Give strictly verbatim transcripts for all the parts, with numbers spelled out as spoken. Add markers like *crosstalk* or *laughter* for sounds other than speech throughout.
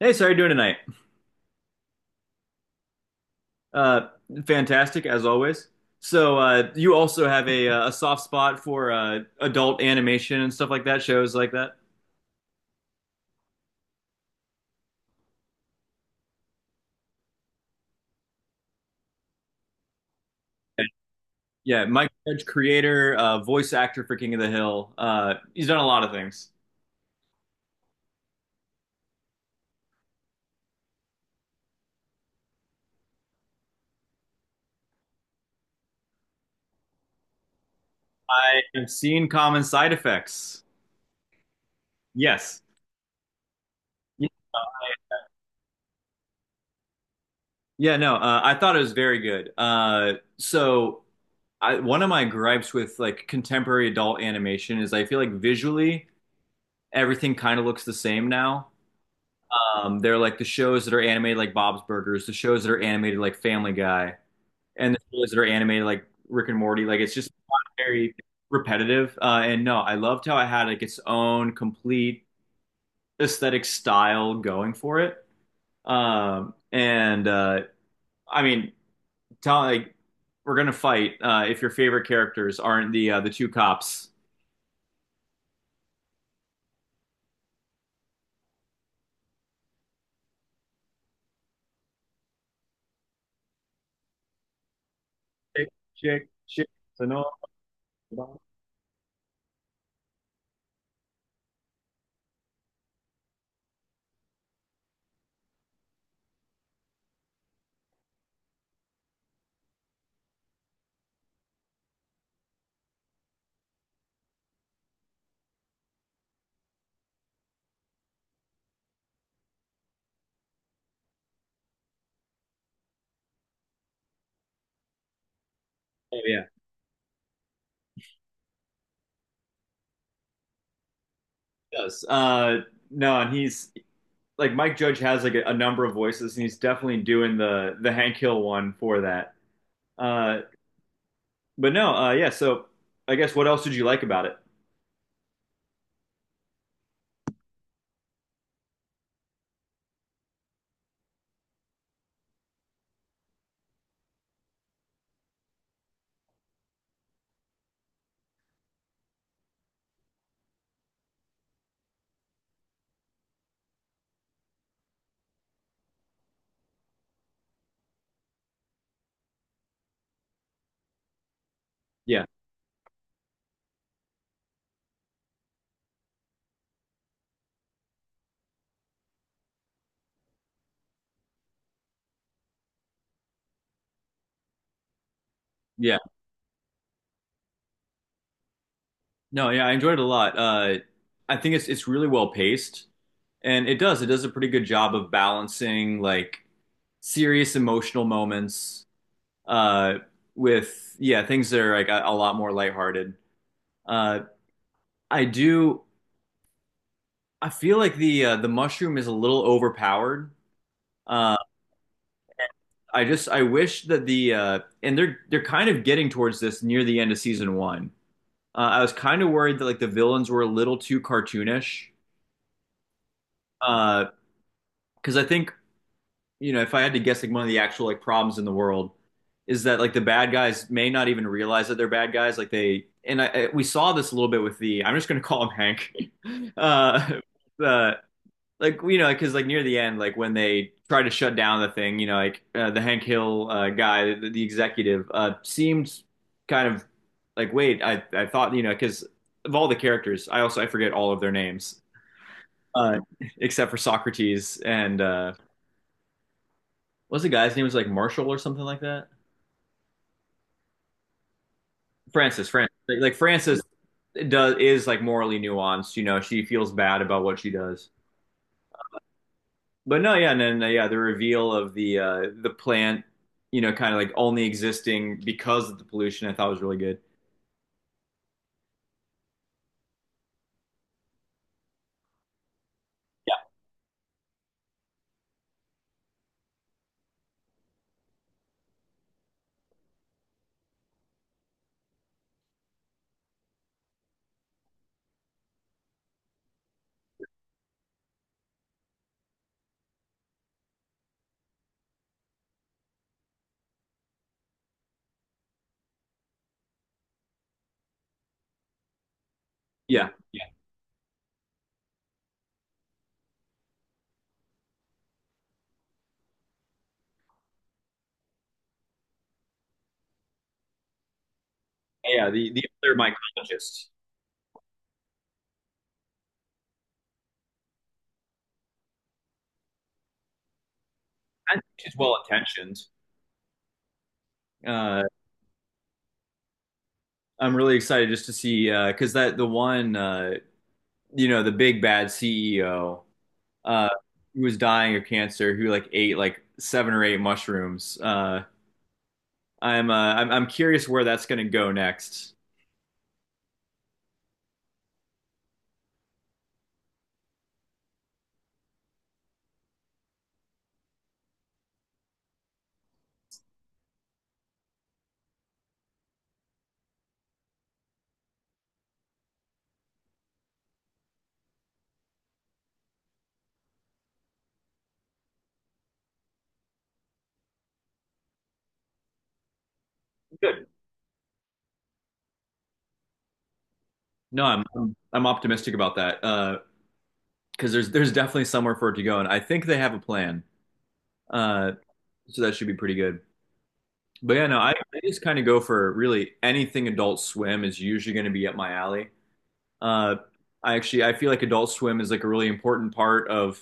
Hey, so how are you doing tonight? Uh, Fantastic as always. So uh, you also have a uh, a soft spot for uh, adult animation and stuff like that, shows like that. Yeah, yeah. Mike Judge, creator, uh, voice actor for King of the Hill. Uh, he's done a lot of things. I have seen common side effects. Yes. Y- Yeah, no, uh, I thought it was very good. Uh, so I, one of my gripes with like contemporary adult animation is I feel like visually everything kind of looks the same now. Um, they're like the shows that are animated like Bob's Burgers, the shows that are animated like Family Guy, and the shows that are animated like Rick and Morty. Like it's just very repetitive. Uh, and no, I loved how it had like its own complete aesthetic style going for it. Um, and uh, I mean, tell like we're gonna fight uh, if your favorite characters aren't the uh, the two cops. Chick, chick, chick. So no. Oh yeah, it does. Uh, no, and he's like Mike Judge has like a, a number of voices, and he's definitely doing the the Hank Hill one for that. Uh, but no, uh, Yeah. So I guess what else did you like about it? Yeah, yeah. No, yeah, I enjoyed it a lot. Uh, I think it's it's really well paced, and it does it does a pretty good job of balancing like serious emotional moments uh, with yeah things that are like a, a lot more lighthearted. Uh, I do. I feel like the uh, the mushroom is a little overpowered. Uh, I just I wish that the uh, and they're they're kind of getting towards this near the end of season one. Uh, I was kind of worried that like the villains were a little too cartoonish because uh, I think you know if I had to guess like one of the actual like problems in the world is that like the bad guys may not even realize that they're bad guys like they and I, I- we saw this a little bit with the I'm just going to *laughs* call him Hank *laughs* uh, uh, like you know because like near the end like when they try to shut down the thing you know like uh, the Hank Hill uh, guy the, the executive uh seemed kind of like wait I I thought you know because of all the characters I also I forget all of their names uh except for Socrates and uh what's the guy's name. It was like Marshall or something like that. Francis Francis like, like Francis does is like morally nuanced, you know, she feels bad about what she does. But no, yeah, and then uh, yeah, the reveal of the uh the plant, you know, kind of like only existing because of the pollution, I thought was really good. Yeah, yeah, yeah, yeah. The the other mycologist, and she's well intentioned. Uh, I'm really excited just to see uh, because that the one uh, you know the big bad C E O uh who was dying of cancer who like ate like seven or eight mushrooms. Uh, I'm uh, I'm I'm curious where that's gonna go next. Good. No, I'm I'm, I'm optimistic about that. Uh, because there's there's definitely somewhere for it to go, and I think they have a plan. Uh, so that should be pretty good. But yeah, no, I, I just kind of go for really anything Adult Swim is usually going to be up my alley. Uh, I actually I feel like Adult Swim is like a really important part of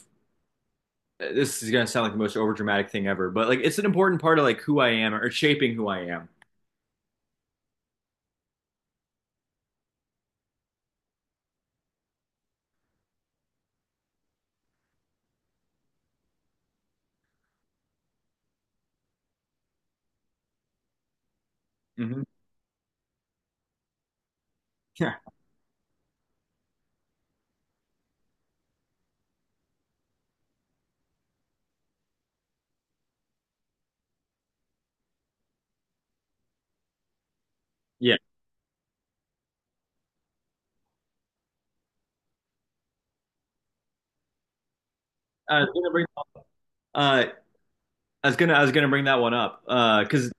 this is gonna sound like the most overdramatic thing ever, but like it's an important part of like who I am or shaping who I am. Hmm. Yeah. Yeah. Uh, I was gonna bring, uh, I was gonna I was gonna bring that one up uh, because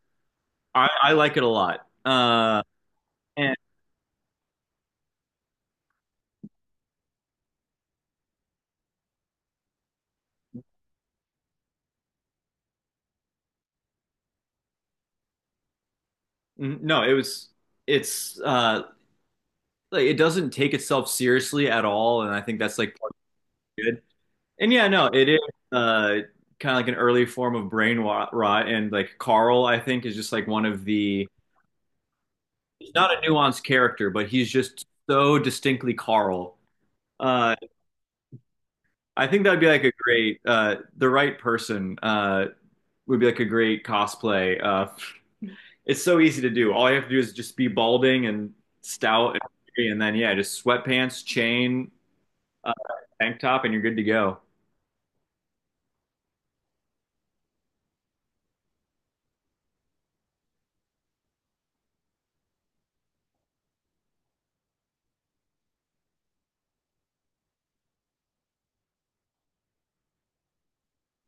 I I like it a lot. Uh, and n- no, it was it's uh like it doesn't take itself seriously at all, and I think that's like part of good. And yeah, no, it is uh kind of like an early form of brain wa- rot, and like Carl, I think, is just like one of the he's not a nuanced character, but he's just so distinctly Carl. Uh, I think that'd be like a great uh the right person uh would be like a great cosplay. Uh, it's so easy to do. All you have to do is just be balding and stout, and, and then yeah, just sweatpants, chain, uh, tank top, and you're good to go.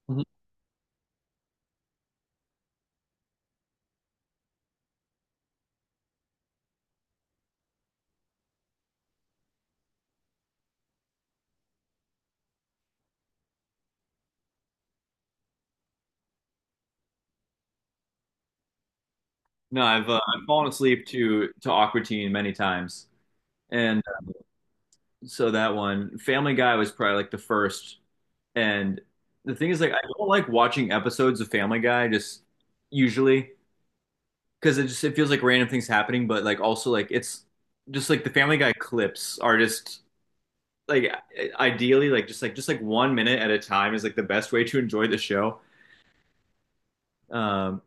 Mhm. No, I've uh, I've fallen asleep to to Aqua Teen many times, and so that one Family Guy was probably like the first. And the thing is, like, I don't like watching episodes of Family Guy just usually because it just it feels like random things happening, but like also like it's just like the Family Guy clips are just like ideally like just like just like one minute at a time is like the best way to enjoy the show. Um,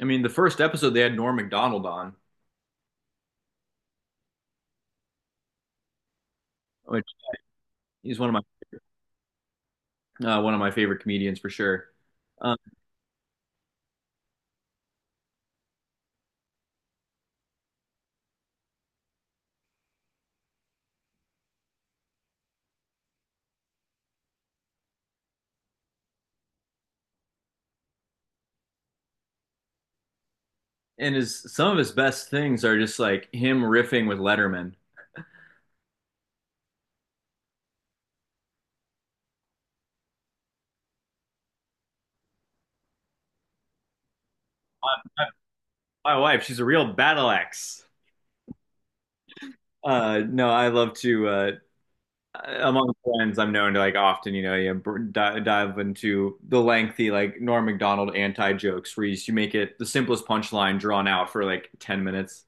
I mean, the first episode they had Norm Macdonald on, which he's one of my uh, one of my favorite comedians for sure. Um, and his some of his best things are just like him riffing with Letterman. My, my my wife, she's a real battle axe. Uh, no, I love to uh, among friends. I'm known to like often, you know, you br- di- dive into the lengthy like Norm Macdonald anti jokes where you, you make it the simplest punchline drawn out for like ten minutes.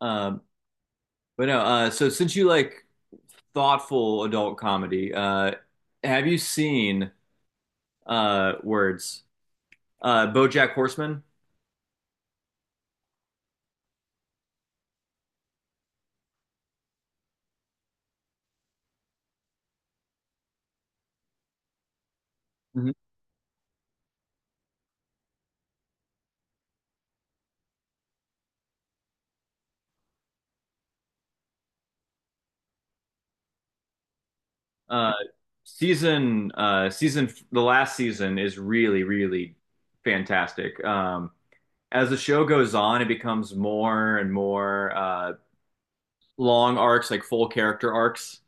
Um, but no, uh, So since you like thoughtful adult comedy, uh, have you seen uh, Words? uh, BoJack Horseman. Mhm. Uh, season uh, Season the last season is really really fantastic. Um, as the show goes on, it becomes more and more uh, long arcs, like full character arcs.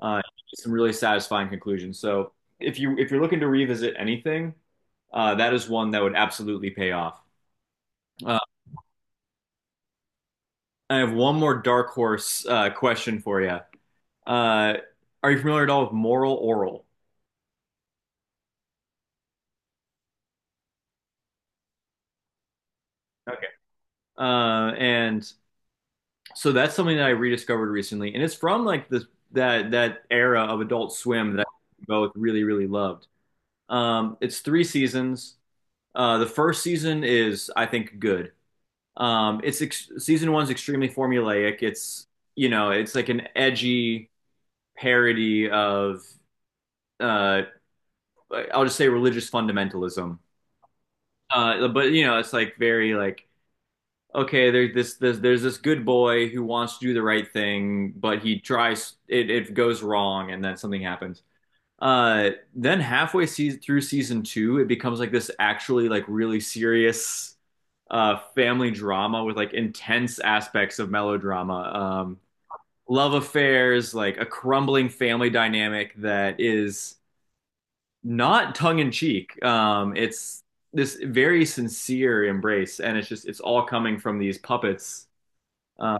Uh, some really satisfying conclusions. So if you if you're looking to revisit anything, uh, that is one that would absolutely pay off. Uh, I have one more dark horse uh, question for you. Uh, are you familiar at all with Moral Oral? Okay. Uh, and So that's something that I rediscovered recently, and it's from like this that that era of Adult Swim that I both really really loved. Um, it's three seasons. Uh, the first season is I think good. Um, it's ex- season one's extremely formulaic. It's you know it's like an edgy parody of uh, I'll just say religious fundamentalism. Uh, but you know it's like very like okay, there's this, this there's this good boy who wants to do the right thing, but he tries it, it goes wrong, and then something happens. Uh, then halfway se through season two, it becomes like this actually like really serious uh family drama with like intense aspects of melodrama, um, love affairs, like a crumbling family dynamic that is not tongue in cheek. Um, it's this very sincere embrace, and it's just it's all coming from these puppets. Um,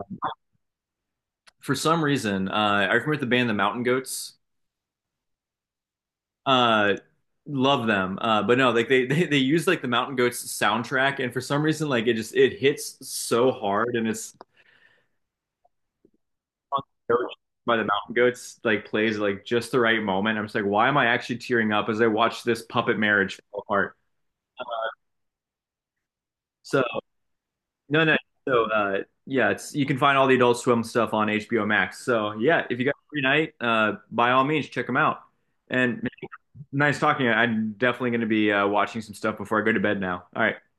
for some reason, uh, I remember the band The Mountain Goats. Uh, Love them, uh, but no, like they, *laughs* they they use like the Mountain Goats soundtrack, and for some reason, like it just it hits so hard, and it's *laughs* by the Mountain Goats like plays like just the right moment. I'm just like, why am I actually tearing up as I watch this puppet marriage fall apart? So no, no. So uh, yeah, it's you can find all the Adult Swim stuff on H B O Max. So yeah, if you got a free night, uh, by all means, check them out. And nice talking. I'm definitely going to be uh, watching some stuff before I go to bed now. All right.